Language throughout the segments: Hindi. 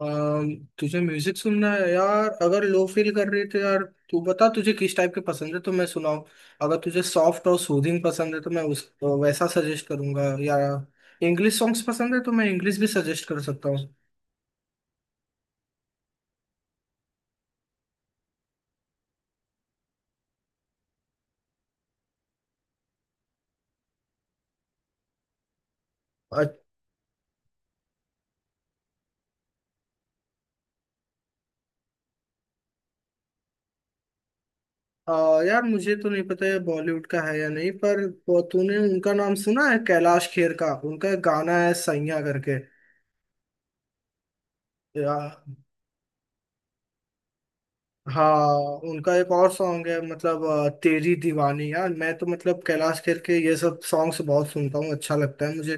अम, तुझे म्यूजिक सुनना है यार, अगर लो फील कर रही है तो। यार तू बता तुझे किस टाइप के पसंद है तो मैं सुनाऊं। अगर तुझे सॉफ्ट और सूदिंग पसंद है तो मैं उस वैसा सजेस्ट करूंगा, या इंग्लिश सॉन्ग्स पसंद है तो मैं इंग्लिश भी सजेस्ट कर सकता हूँ। अ- यार मुझे तो नहीं पता है बॉलीवुड का है या नहीं, पर तूने उनका नाम सुना है कैलाश खेर का? उनका एक गाना है सैया करके। या हाँ, उनका एक और सॉन्ग है, मतलब तेरी दीवानी। यार मैं तो मतलब कैलाश खेर के ये सब सॉन्ग्स बहुत सुनता हूँ, अच्छा लगता है मुझे।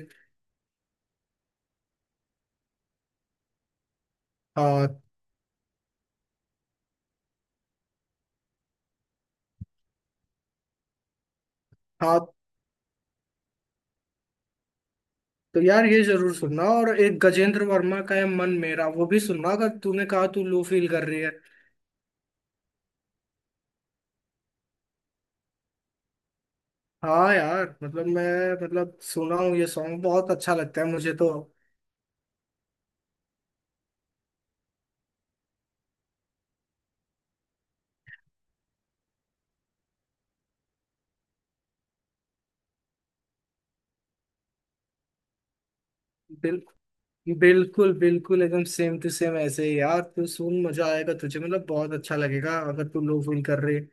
हाँ, हाँ। तो यार ये जरूर सुनना, और एक गजेंद्र वर्मा का है मन मेरा, वो भी सुनना, अगर तूने कहा तू लो फील कर रही है। हाँ यार, मतलब मैं मतलब सुना हूँ, ये सॉन्ग बहुत अच्छा लगता है मुझे तो। बिल, बिल्कुल बिल्कुल, एकदम सेम टू सेम, ऐसे ही। यार तू सुन, मजा आएगा तुझे, मतलब बहुत अच्छा लगेगा अगर तू लो फील कर रही है।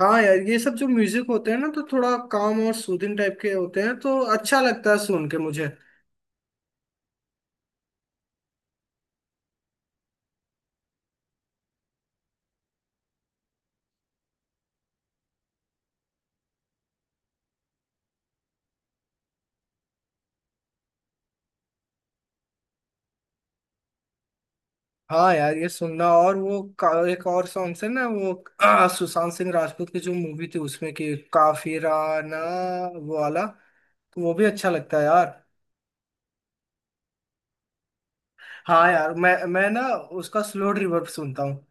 हाँ यार, ये सब जो म्यूजिक होते हैं ना, तो थोड़ा काम और सूदिंग टाइप के होते हैं, तो अच्छा लगता है सुन के मुझे। हाँ यार, ये सुनना, और वो एक और सॉन्ग है ना वो सुशांत सिंह राजपूत की जो मूवी थी उसमें कि काफिराना, वो वाला तो, वो भी अच्छा लगता है यार। हाँ यार, मैं ना उसका स्लो रिवर्ब सुनता हूँ।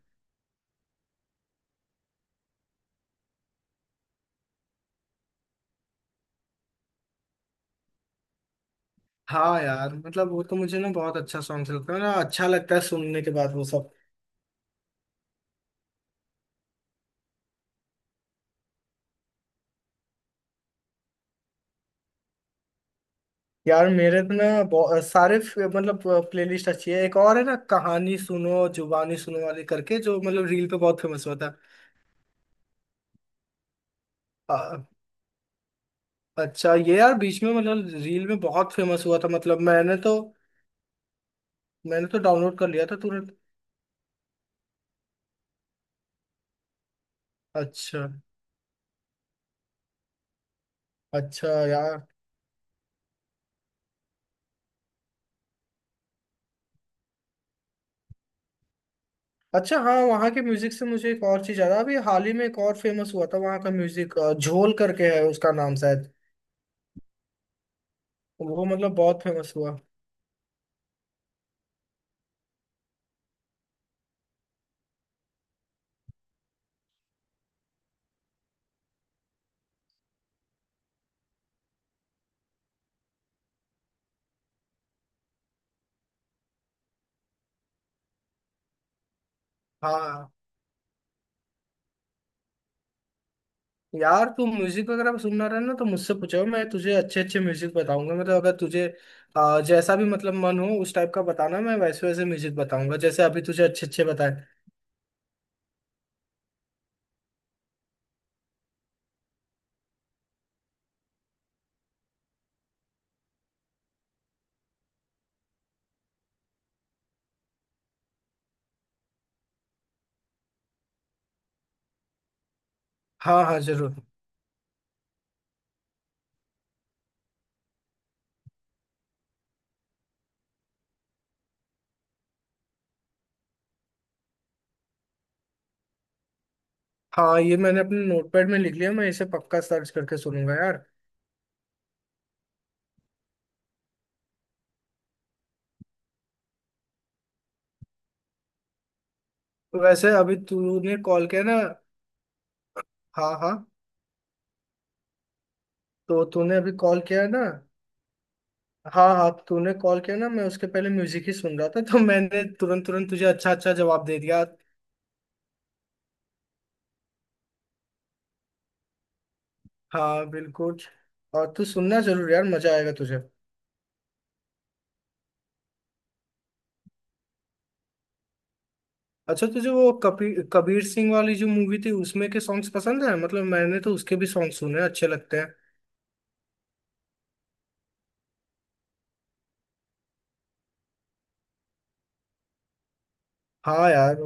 हाँ यार मतलब वो तो मुझे ना बहुत अच्छा सॉन्ग लगता है ना, अच्छा लगता है सुनने के बाद वो सब। यार मेरे तो ना सारे मतलब प्लेलिस्ट अच्छी है, एक और है ना कहानी सुनो जुबानी सुनो वाली करके, जो मतलब रील पे बहुत फेमस हुआ था। अ- अच्छा, ये यार बीच में, मतलब रील में बहुत फेमस हुआ था, मतलब मैंने तो डाउनलोड कर लिया था तुरंत। अच्छा, अच्छा यार। अच्छा, हाँ, वहाँ के म्यूजिक से मुझे एक और चीज याद आ, अभी हाल ही में एक और फेमस हुआ था वहाँ का, म्यूजिक झोल करके है उसका नाम शायद, वो मतलब बहुत फेमस हुआ। हाँ यार, तू म्यूजिक वगैरह सुनना रहे ना तो मुझसे पूछो, मैं तुझे अच्छे अच्छे म्यूजिक बताऊंगा, मतलब अगर तुझे जैसा भी, मतलब मन हो उस टाइप का बताना, मैं वैसे वैसे म्यूजिक बताऊंगा जैसे अभी तुझे अच्छे अच्छे बताए। हाँ हाँ जरूर। हाँ ये मैंने अपने नोटपैड में लिख लिया, मैं इसे पक्का सर्च करके सुनूंगा यार। तो वैसे अभी तूने कॉल किया ना? हाँ हाँ। तो तूने अभी कॉल किया है ना? हाँ हाँ, तूने कॉल किया ना, मैं उसके पहले म्यूजिक ही सुन रहा था, तो मैंने तुरंत तुरंत तुझे अच्छा अच्छा जवाब दे दिया। हाँ बिल्कुल। और तू सुनना जरूर यार, मजा आएगा तुझे। अच्छा, तुझे वो कबीर कबीर सिंह वाली जो मूवी थी उसमें के सॉन्ग्स पसंद है? मतलब मैंने तो उसके भी सॉन्ग सुने हैं, अच्छे लगते हैं। हाँ यार।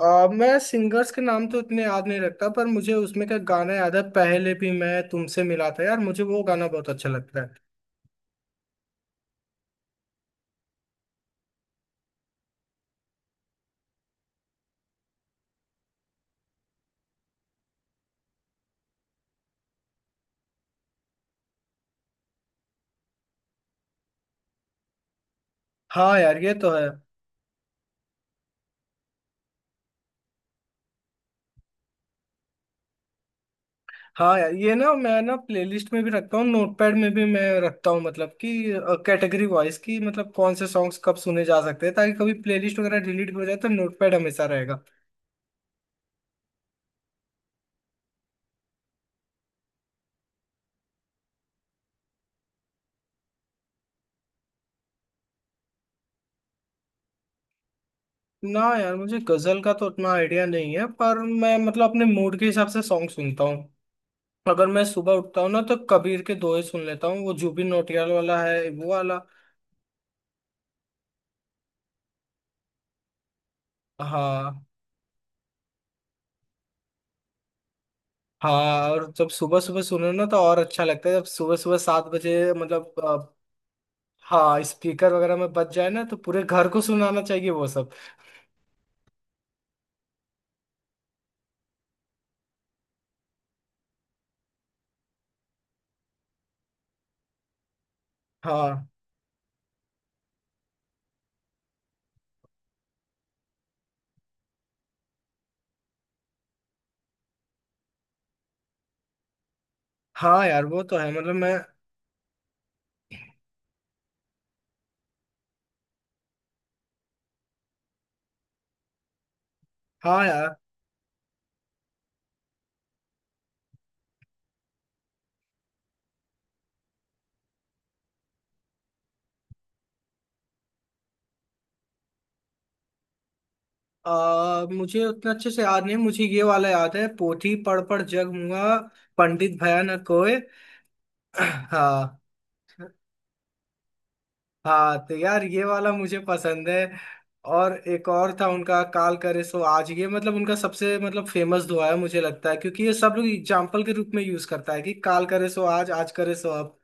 मैं सिंगर्स के नाम तो इतने याद नहीं रखता, पर मुझे उसमें का गाना याद है, पहले भी मैं तुमसे मिला था यार, मुझे वो गाना बहुत अच्छा लगता है। हाँ यार ये तो है। हाँ यार, ये ना मैं ना प्लेलिस्ट में भी रखता हूँ, नोटपैड में भी मैं रखता हूँ, मतलब कि कैटेगरी वाइज की, मतलब कौन से सॉन्ग्स कब सुने जा सकते हैं, ताकि कभी प्लेलिस्ट वगैरह डिलीट हो जाए तो नोटपैड हमेशा रहेगा। ना यार, मुझे गजल का तो उतना आइडिया नहीं है, पर मैं मतलब अपने मूड के हिसाब से सॉन्ग सुनता हूँ। अगर मैं सुबह उठता हूँ ना, तो कबीर के दोहे सुन लेता हूँ, वो जुबिन नौटियाल वाला है वो वाला। हाँ हाँ, और जब सुबह सुबह सुनो ना तो और अच्छा लगता है, जब सुबह सुबह 7 बजे मतलब। हाँ, स्पीकर वगैरह में बच जाए ना तो पूरे घर को सुनाना चाहिए वो सब। हाँ हाँ यार, वो तो है, मतलब मैं। हाँ यार, मुझे उतना अच्छे से याद नहीं, मुझे ये वाला याद है— पोथी पढ़ पढ़ जग मुआ, पंडित भया न कोय। हाँ हाँ, तो यार ये वाला मुझे पसंद है। और एक और था उनका— काल करे सो आज, ये मतलब उनका सबसे मतलब फेमस दुआ है मुझे लगता है, क्योंकि ये सब लोग एग्जाम्पल के रूप में यूज करता है कि काल करे सो आज, आज करे सो अब।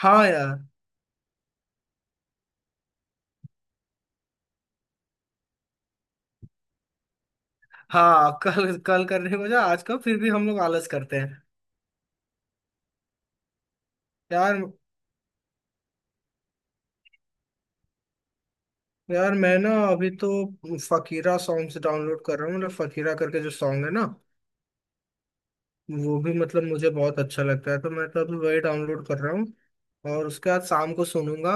हाँ यार। हाँ, कल कल करने को जा आजकल फिर भी हम लोग आलस करते हैं। यार। यार मैं ना अभी तो फकीरा सॉन्ग्स डाउनलोड कर रहा हूँ, मतलब फकीरा करके जो सॉन्ग है ना वो भी मतलब मुझे बहुत अच्छा लगता है, तो मैं तो अभी वही डाउनलोड कर रहा हूँ और उसके बाद शाम को सुनूंगा।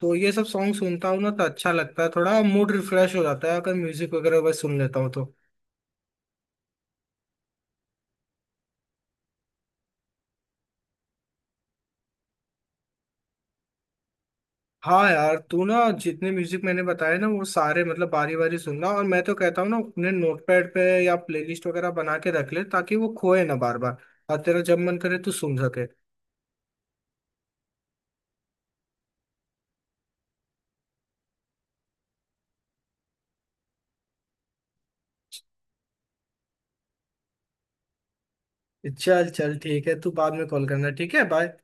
तो ये सब सॉन्ग सुनता हूँ ना तो अच्छा लगता है, थोड़ा मूड रिफ्रेश हो जाता है अगर म्यूजिक वगैरह बस सुन लेता हूँ तो। हाँ यार तू ना, जितने म्यूजिक मैंने बताए ना वो सारे मतलब बारी बारी सुनना, और मैं तो कहता हूँ ना अपने नोटपैड पे या प्लेलिस्ट वगैरह बना के रख ले, ताकि वो खोए ना बार बार। और तेरा जब मन करे तू सुन सके। चल चल ठीक है, तू बाद में कॉल करना, ठीक है बाय।